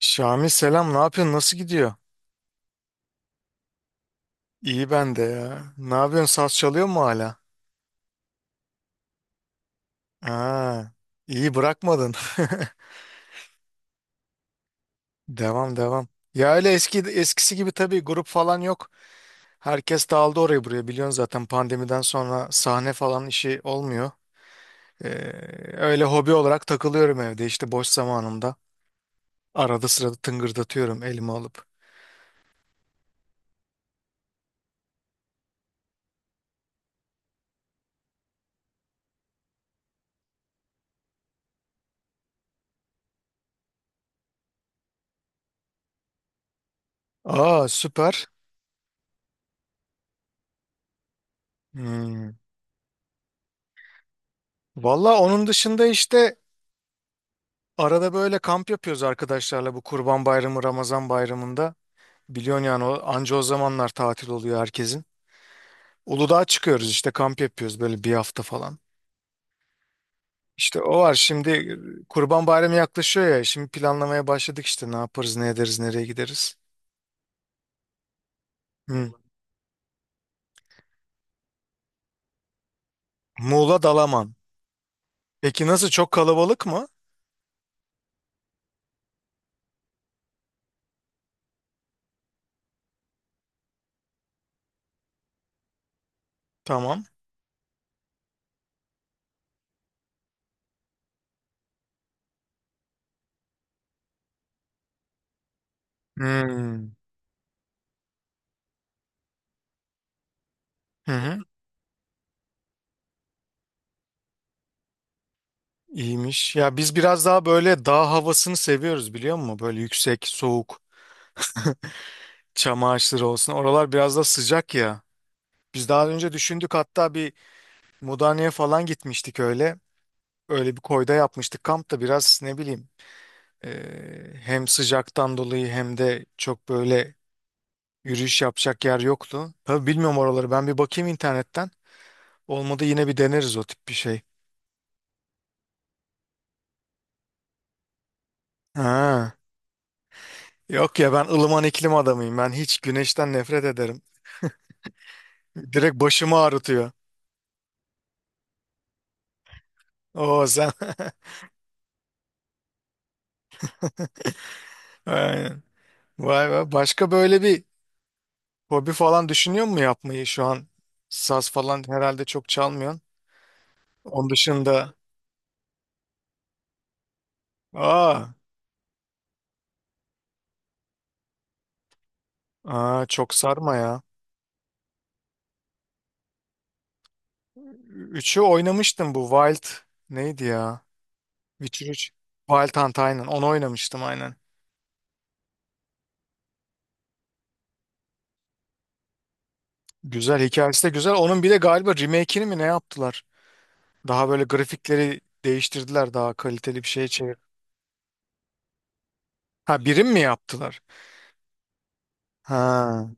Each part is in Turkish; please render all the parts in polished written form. Şami selam ne yapıyorsun nasıl gidiyor? İyi ben de ya. Ne yapıyorsun saz çalıyor mu hala? Aa, iyi bırakmadın. Devam devam. Ya öyle eski eskisi gibi tabii grup falan yok. Herkes dağıldı oraya buraya biliyorsun zaten pandemiden sonra sahne falan işi olmuyor. Ee, öyle hobi olarak takılıyorum evde işte boş zamanımda. Arada sırada tıngırdatıyorum elime alıp. Aa süper. Hmm. Valla onun dışında işte arada böyle kamp yapıyoruz arkadaşlarla bu Kurban Bayramı, Ramazan Bayramı'nda. Biliyorsun yani o, anca o zamanlar tatil oluyor herkesin. Uludağ'a çıkıyoruz işte kamp yapıyoruz böyle bir hafta falan. İşte o var şimdi Kurban Bayramı yaklaşıyor ya şimdi planlamaya başladık işte ne yaparız ne ederiz nereye gideriz. Hmm. Muğla Dalaman. Peki nasıl çok kalabalık mı? Tamam. Hmm. Hı hı. İyiymiş. Ya biz biraz daha böyle dağ havasını seviyoruz biliyor musun? Böyle yüksek, soğuk. Çam ağaçları olsun. Oralar biraz da sıcak ya. Biz daha önce düşündük hatta bir Mudanya'ya falan gitmiştik öyle. Öyle bir koyda yapmıştık. Kamp da biraz ne bileyim e, hem sıcaktan dolayı hem de çok böyle yürüyüş yapacak yer yoktu. Tabii bilmiyorum oraları. Ben bir bakayım internetten. Olmadı yine bir deneriz o tip bir şey. Ha. Yok ya ben ılıman iklim adamıyım. Ben hiç güneşten nefret ederim. Direkt başımı ağrıtıyor. Oo sen. Aynen. Vay be. Başka böyle bir hobi falan düşünüyor mu yapmayı şu an? Saz falan herhalde çok çalmıyorsun. Onun dışında aa, aa çok sarma ya. Üçü oynamıştım bu Wild neydi ya? Witcher üç Wild Hunt aynen onu oynamıştım aynen. Güzel hikayesi de güzel. Onun bir de galiba remake'ini mi ne yaptılar? Daha böyle grafikleri değiştirdiler daha kaliteli bir şeye çevir. Ha birim mi yaptılar? Ha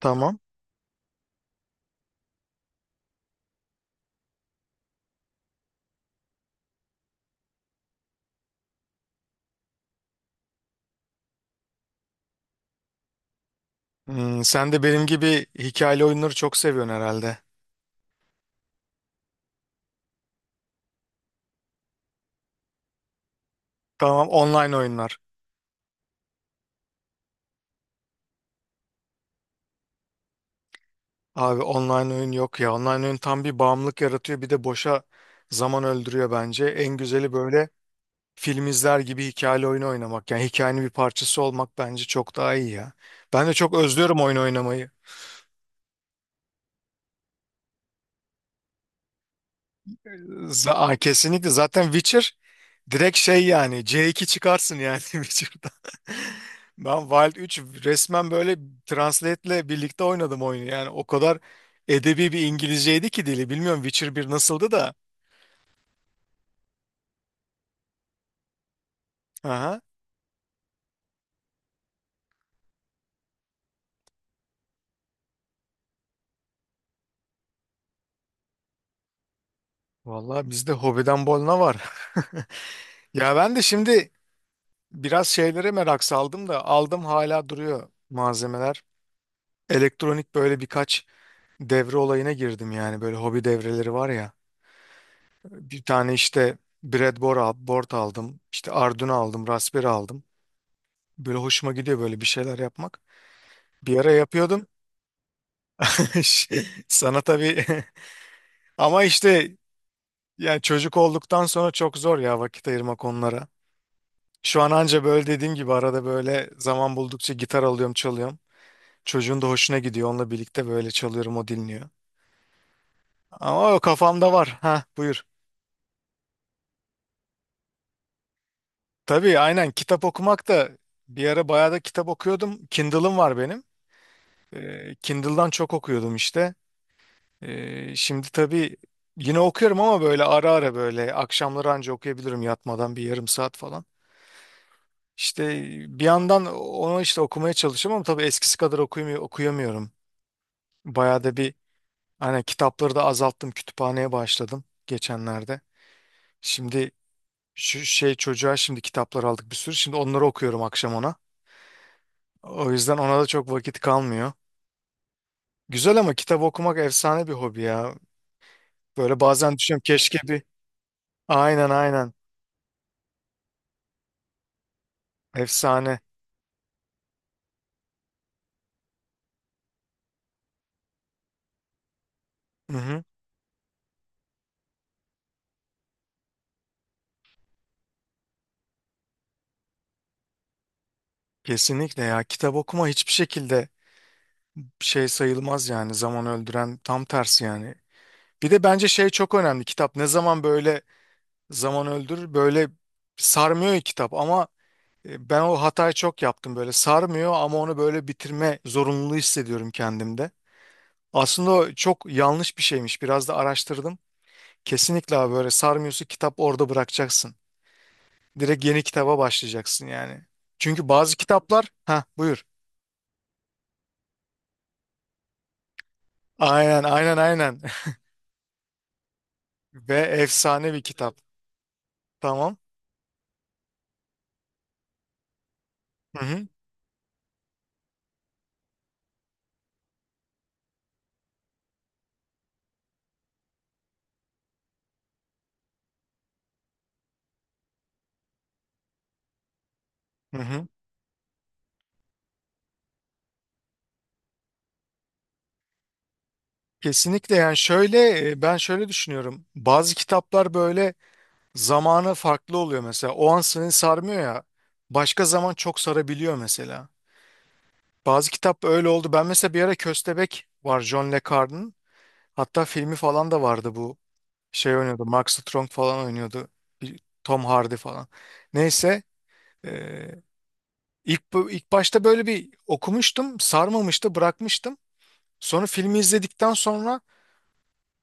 tamam. Hmm, sen de benim gibi hikayeli oyunları çok seviyorsun herhalde. Tamam, online oyunlar. Abi online oyun yok ya. Online oyun tam bir bağımlılık yaratıyor. Bir de boşa zaman öldürüyor bence. En güzeli böyle film izler gibi hikayeli oyunu oynamak. Yani hikayenin bir parçası olmak bence çok daha iyi ya. Ben de çok özlüyorum oyun oynamayı. Aa, kesinlikle zaten Witcher direkt şey yani C2 çıkarsın yani Witcher'da. Ben Wild 3 resmen böyle Translate'le birlikte oynadım oyunu. Yani o kadar edebi bir İngilizceydi ki dili. Bilmiyorum Witcher bir nasıldı da. Aha. Vallahi bizde hobiden bolna var. Ya ben de şimdi biraz şeylere merak saldım da aldım hala duruyor malzemeler. Elektronik böyle birkaç devre olayına girdim yani böyle hobi devreleri var ya. Bir tane işte board aldım. İşte Arduino aldım, Raspberry aldım. Böyle hoşuma gidiyor böyle bir şeyler yapmak. Bir ara yapıyordum. Sana tabii ama işte yani çocuk olduktan sonra çok zor ya vakit ayırmak onlara. Şu an anca böyle dediğim gibi arada böyle zaman buldukça gitar alıyorum çalıyorum. Çocuğun da hoşuna gidiyor. Onunla birlikte böyle çalıyorum o dinliyor. Ama o kafamda var. Ha, buyur. Tabii aynen kitap okumak da bir ara bayağı da kitap okuyordum. Kindle'ım var benim. Kindle'dan çok okuyordum işte. Şimdi tabii yine okuyorum ama böyle ara ara böyle akşamları anca okuyabilirim yatmadan bir yarım saat falan. İşte bir yandan onu işte okumaya çalışıyorum ama tabii eskisi kadar okuyamıyorum. Bayağı da bir. Aynen, kitapları da azalttım. Kütüphaneye başladım geçenlerde. Şimdi şu şey çocuğa şimdi kitaplar aldık bir sürü. Şimdi onları okuyorum akşam ona. O yüzden ona da çok vakit kalmıyor. Güzel ama kitap okumak efsane bir hobi ya. Böyle bazen düşünüyorum keşke bir... Aynen aynen. Efsane. Hı hı. Kesinlikle ya. Kitap okuma hiçbir şekilde şey sayılmaz yani. Zaman öldüren tam tersi yani. Bir de bence şey çok önemli. Kitap ne zaman böyle zaman öldürür böyle sarmıyor ya kitap ama ben o hatayı çok yaptım böyle sarmıyor ama onu böyle bitirme zorunluluğu hissediyorum kendimde. Aslında o çok yanlış bir şeymiş. Biraz da araştırdım. Kesinlikle abi böyle sarmıyorsa kitap orada bırakacaksın. Direkt yeni kitaba başlayacaksın yani. Çünkü bazı kitaplar ha buyur. Aynen aynen aynen. Ve efsane bir kitap. Tamam. Hı hı. Hı hı. Kesinlikle yani şöyle ben şöyle düşünüyorum. Bazı kitaplar böyle zamanı farklı oluyor mesela. O an seni sarmıyor ya. Başka zaman çok sarabiliyor mesela. Bazı kitap öyle oldu. Ben mesela bir ara Köstebek var, John le Carre'ın. Hatta filmi falan da vardı bu. Şey oynuyordu. Mark Strong falan oynuyordu. Tom Hardy falan. Neyse. eee, ilk, ilk başta böyle bir okumuştum. Sarmamıştı. Bırakmıştım. Sonra filmi izledikten sonra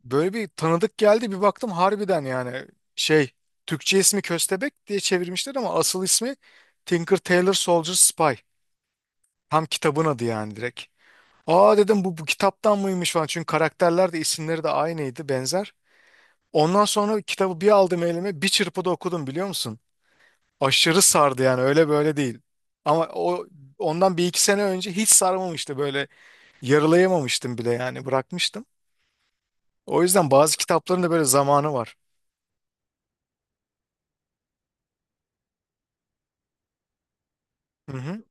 böyle bir tanıdık geldi bir baktım harbiden yani şey Türkçe ismi Köstebek diye çevirmişler ama asıl ismi Tinker Tailor Soldier Spy. Tam kitabın adı yani direkt. Aa dedim bu kitaptan mıymış falan çünkü karakterler de isimleri de aynıydı benzer. Ondan sonra kitabı bir aldım elime bir çırpıda okudum biliyor musun? Aşırı sardı yani öyle böyle değil. Ama o ondan bir iki sene önce hiç sarmamıştı böyle yarılayamamıştım bile yani bırakmıştım. O yüzden bazı kitapların da böyle zamanı var. Hı hı.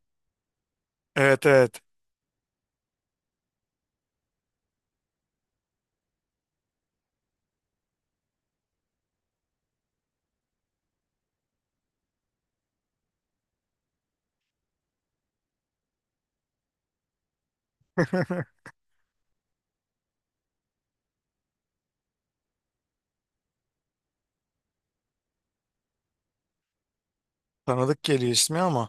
Evet evet. Tanıdık geliyor ismi ama.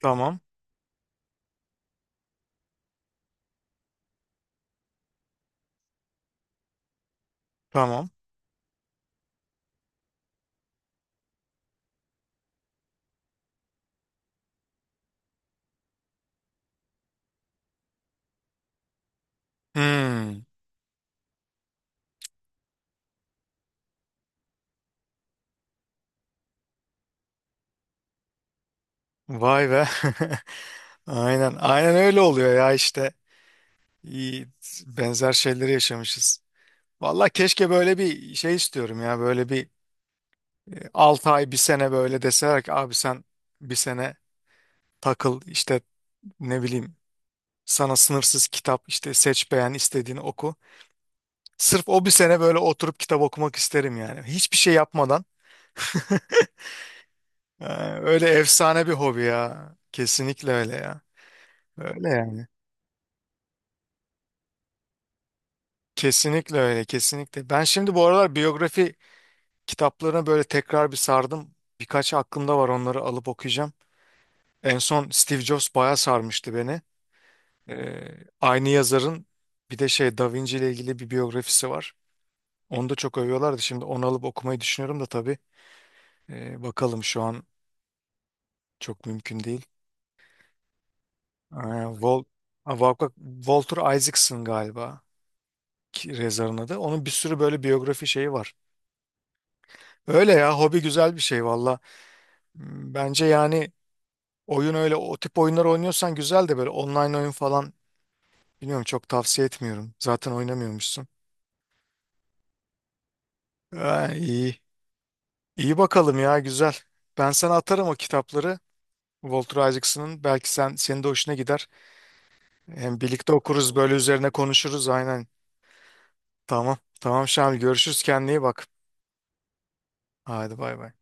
Tamam. Tamam. Hmm. Vay be. Aynen. Aynen öyle oluyor ya işte. İyi, benzer şeyleri yaşamışız. Vallahi keşke böyle bir şey istiyorum ya. Böyle bir 6 ay bir sene böyle deseler ki abi sen bir sene takıl işte ne bileyim sana sınırsız kitap işte seç beğen istediğini oku. Sırf o bir sene böyle oturup kitap okumak isterim yani. Hiçbir şey yapmadan. Ha, öyle efsane bir hobi ya. Kesinlikle öyle ya. Öyle yani. Kesinlikle öyle, kesinlikle. Ben şimdi bu aralar biyografi kitaplarına böyle tekrar bir sardım. Birkaç aklımda var onları alıp okuyacağım. En son Steve Jobs bayağı sarmıştı beni. Aynı yazarın bir de şey Da Vinci ile ilgili bir biyografisi var. Onu da çok övüyorlardı. Şimdi onu alıp okumayı düşünüyorum da tabii. Bakalım şu an çok mümkün değil. Ee, Wal- Ha, Walter Isaacson galiba. Rezar'ın adı. Onun bir sürü böyle biyografi şeyi var. Öyle ya hobi güzel bir şey valla. Bence yani oyun öyle o tip oyunlar oynuyorsan güzel de böyle online oyun falan bilmiyorum çok tavsiye etmiyorum. Zaten oynamıyormuşsun. Ha, iyi. İyi bakalım ya güzel. Ben sana atarım o kitapları. Walter Isaacson'ın. Belki sen senin de hoşuna gider. Hem birlikte okuruz böyle üzerine konuşuruz aynen. Tamam. Tamam Şamil, görüşürüz, kendine iyi bak. Hadi bay bay.